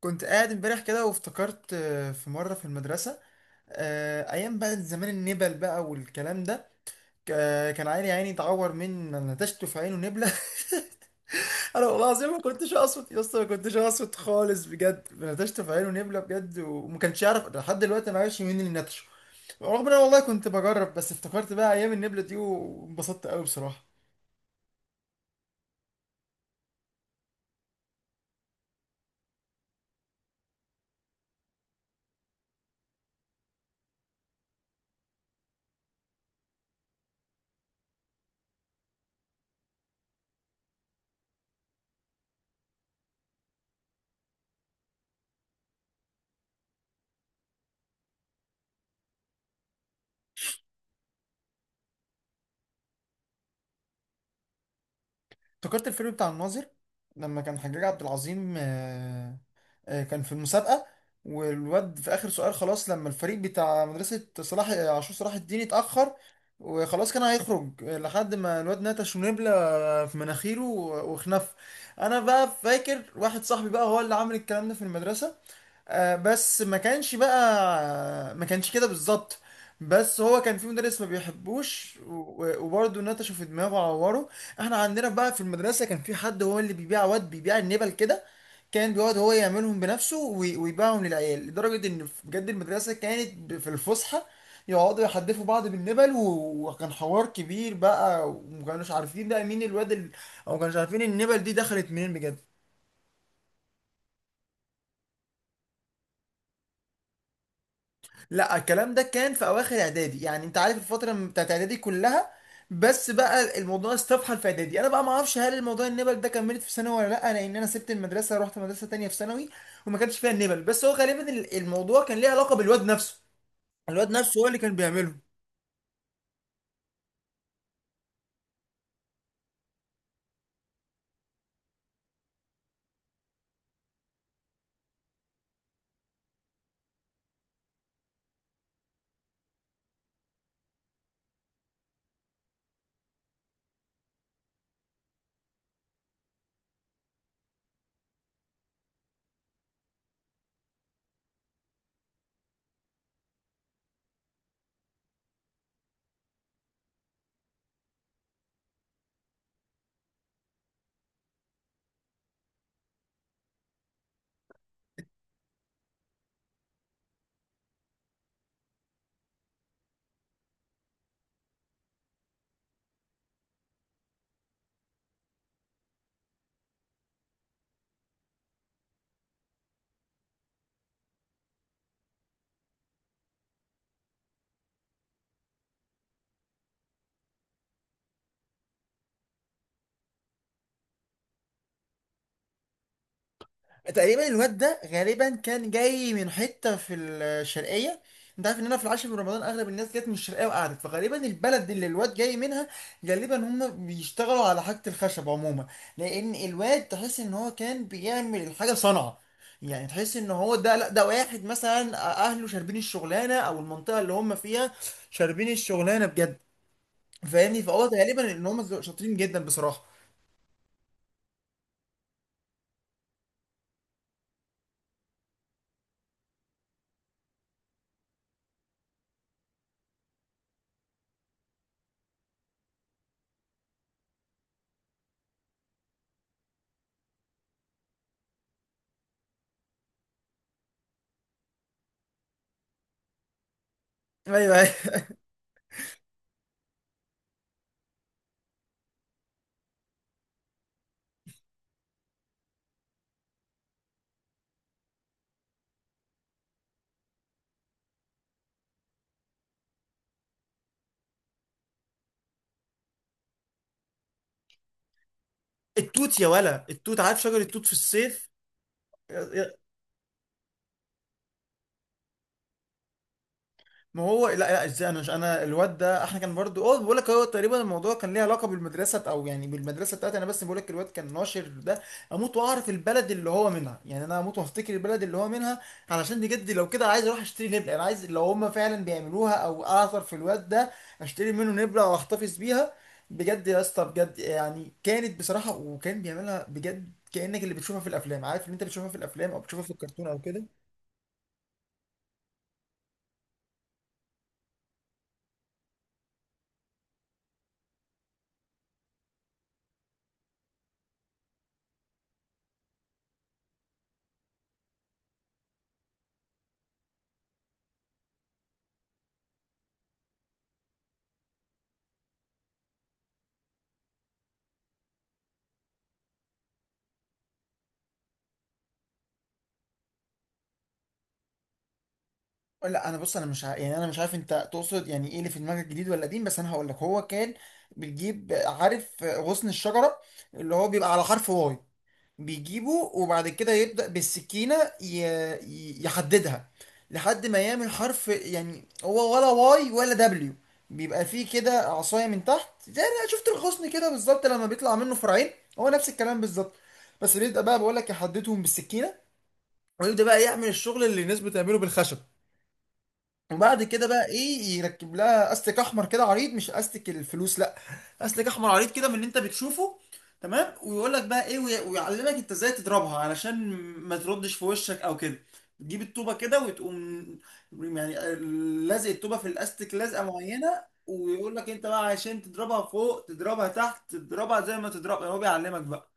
كنت قاعد امبارح كده وافتكرت في مرة في المدرسة. أيام بقى زمان النبل بقى والكلام ده. كان عيني عيني اتعور من نتشته في عينه نبلة. أنا والله العظيم ما كنتش أقصد يا اسطى، ما كنتش أقصد خالص، بجد نتشته في عينه نبلة بجد، وما كانش يعرف لحد دلوقتي أنا عايش، مين اللي نتشه. رغم إن أنا والله كنت بجرب، بس افتكرت بقى أيام النبلة دي وانبسطت قوي بصراحة. افتكرت الفيلم بتاع الناظر لما كان حجاج عبد العظيم كان في المسابقة. والواد في آخر سؤال خلاص لما الفريق بتاع مدرسة صلاح عاشور صلاح الدين اتأخر. وخلاص كان هيخرج لحد ما الواد نتش ونبلة في مناخيره وخنف. أنا بقى فاكر واحد صاحبي بقى هو اللي عامل الكلام ده في المدرسة، بس ما كانش كده بالظبط. بس هو كان في مدرس ما بيحبوش وبرضه نتشه في دماغه وعوره. احنا عندنا بقى في المدرسة كان في حد هو اللي بيبيع، واد بيبيع النبل كده. كان بيقعد هو يعملهم بنفسه ويبيعهم للعيال، لدرجة ان بجد المدرسة كانت في الفسحة يقعدوا يحدفوا بعض بالنبل، وكان حوار كبير بقى، وما كانوش عارفين بقى مين او ما كانوش عارفين النبل دي دخلت منين بجد. لا، الكلام ده كان في اواخر اعدادي، يعني انت عارف الفتره بتاعت اعدادي كلها. بس بقى الموضوع استفحل في اعدادي، انا بقى ما اعرفش هل الموضوع النبل ده كملت في ثانوي ولا لا، لان انا سبت المدرسه رحت مدرسه تانية في ثانوي. وما كانش فيها النبل، بس هو غالبا الموضوع كان ليه علاقه بالواد نفسه. الواد نفسه هو اللي كان بيعمله. تقريبا الواد ده غالبا كان جاي من حته في الشرقيه. انت عارف ان انا في العاشر من رمضان اغلب الناس جت من الشرقيه وقعدت، فغالبا البلد اللي الواد جاي منها غالبا هم بيشتغلوا على حاجه الخشب عموما. لان الواد تحس ان هو كان بيعمل الحاجه بصنعه، يعني تحس ان هو ده، لا ده واحد مثلا اهله شاربين الشغلانه، او المنطقه اللي هم فيها شاربين الشغلانه بجد. فاهمني، فهو غالبا ان هم شاطرين جدا بصراحه. ايوه. التوت يا ولا، التوت عارف، شجر التوت في الصيف. ما هو لا لا، ازاي؟ انا مش، انا الواد ده احنا كان برضو، اه بقول لك، هو تقريبا الموضوع كان ليه علاقه بالمدرسه او يعني بالمدرسه بتاعتي انا، بس بقول لك الواد كان ناشر ده. اموت واعرف البلد اللي هو منها، يعني انا اموت وافتكر البلد اللي هو منها. علشان بجد لو كده عايز اروح اشتري نبله، انا عايز لو هم فعلا بيعملوها او اعثر في الواد ده، اشتري منه نبله واحتفظ بيها. بجد يا اسطى بجد، يعني كانت بصراحه، وكان بيعملها بجد كانك اللي بتشوفها في الافلام، عارف اللي انت بتشوفها في الافلام او بتشوفها في الكرتون او كده. لا، انا بص، انا مش يعني انا مش عارف انت تقصد يعني ايه اللي في دماغك، جديد ولا قديم، بس انا هقول لك هو كان بتجيب، عارف غصن الشجره اللي هو بيبقى على حرف واي. بيجيبه وبعد كده يبدا بالسكينه ي... يحددها لحد ما يعمل حرف، يعني هو ولا واي ولا دبليو. بيبقى فيه كده عصايه من تحت، زي انا شفت الغصن كده بالظبط لما بيطلع منه فرعين، هو نفس الكلام بالظبط. بس بيبدا بقى، بقول لك يحددهم بالسكينه، ويبدا بقى يعمل الشغل اللي الناس بتعمله بالخشب. وبعد كده بقى ايه، يركب لها استك احمر كده عريض، مش استك الفلوس، لا، استك احمر عريض كده من اللي انت بتشوفه. تمام، ويقول لك بقى ايه ويعلمك انت ازاي تضربها علشان ما تردش في وشك او كده. تجيب الطوبه كده وتقوم، يعني لازق الطوبه في الاستك لازقه معينه، ويقول لك انت بقى عشان تضربها فوق تضربها تحت تضربها، زي ما تضربها هو بيعلمك بقى.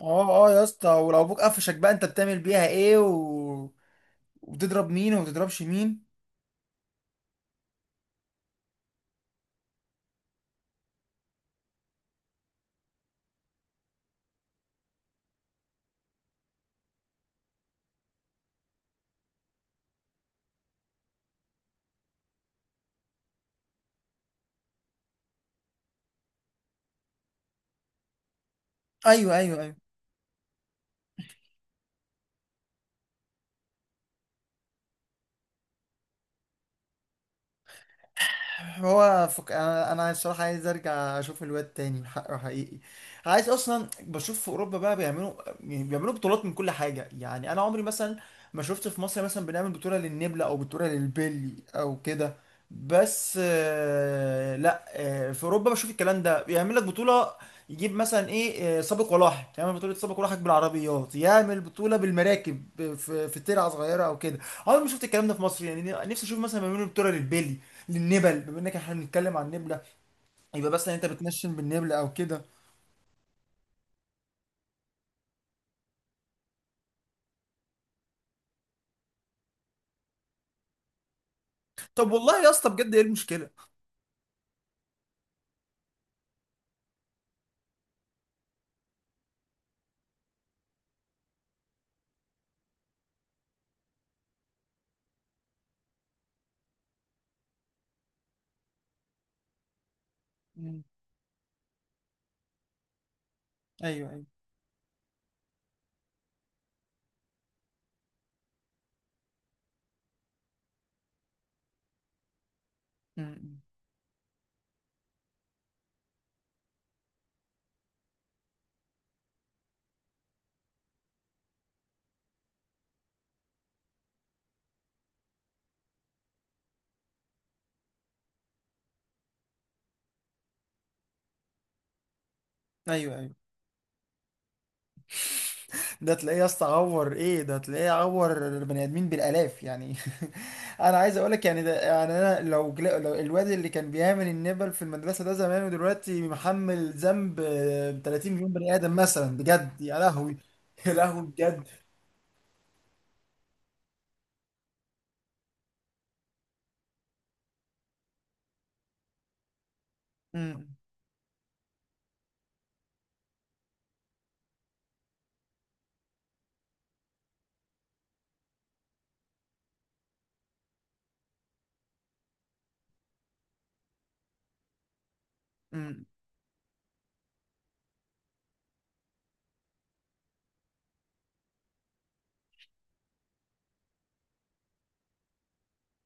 اه اه يا اسطى، ولو ابوك قفشك بقى انت بتعمل بيها ايه وبتضرب مين وما بتضربش مين. ايوه ايوه ايوه. هو أنا الصراحه عايز ارجع اشوف الواد تاني حقه حقيقي. عايز اصلا بشوف في اوروبا بقى بيعملوا، يعني بيعملوا بطولات من كل حاجه، يعني انا عمري مثلا ما شفت في مصر مثلا بنعمل بطوله للنبله او بطوله للبلي او كده. بس آه، لا آه، في اوروبا بشوف الكلام ده بيعمل لك بطوله. يجيب مثلا ايه سابق ولاحق، يعمل بطوله سابق ولاحق بالعربيات، يعمل بطوله بالمراكب في ترعه صغيره او كده. عمري ما شفت الكلام ده في مصر، يعني نفسي اشوف مثلا بيعملوا بطوله للبلي، للنبل بما انك احنا بنتكلم عن النبله، يبقى مثلا انت بتنشن بالنبله او كده. طب والله يا اسطى بجد ايه المشكله؟ مم. ايوه ايوه. مم. ايوه ايوه. ده تلاقيه يا اسطى عور ايه، ده تلاقيه عور البني ادمين بالالاف يعني. انا عايز اقول لك يعني، ده يعني انا لو، لو الواد اللي كان بيعمل النبل في المدرسه ده زمان ودلوقتي محمل ذنب 30 مليون بني ادم مثلا بجد، يا لهوي. يا لهوي بجد. مم. مم.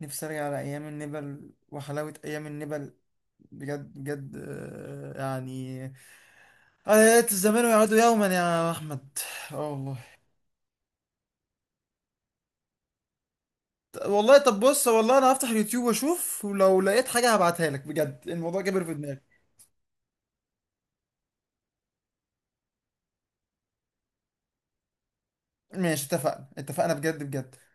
نفسي ارجع على ايام النبل وحلاوه ايام النبل، بجد بجد يعني انا يا ليت الزمان يعود يوما يا احمد. اه والله. والله طب بص، والله انا هفتح اليوتيوب واشوف، ولو لقيت حاجة هبعتها لك بجد، الموضوع كبر في دماغي. ماشي، اتفقنا اتفقنا بجد بجد.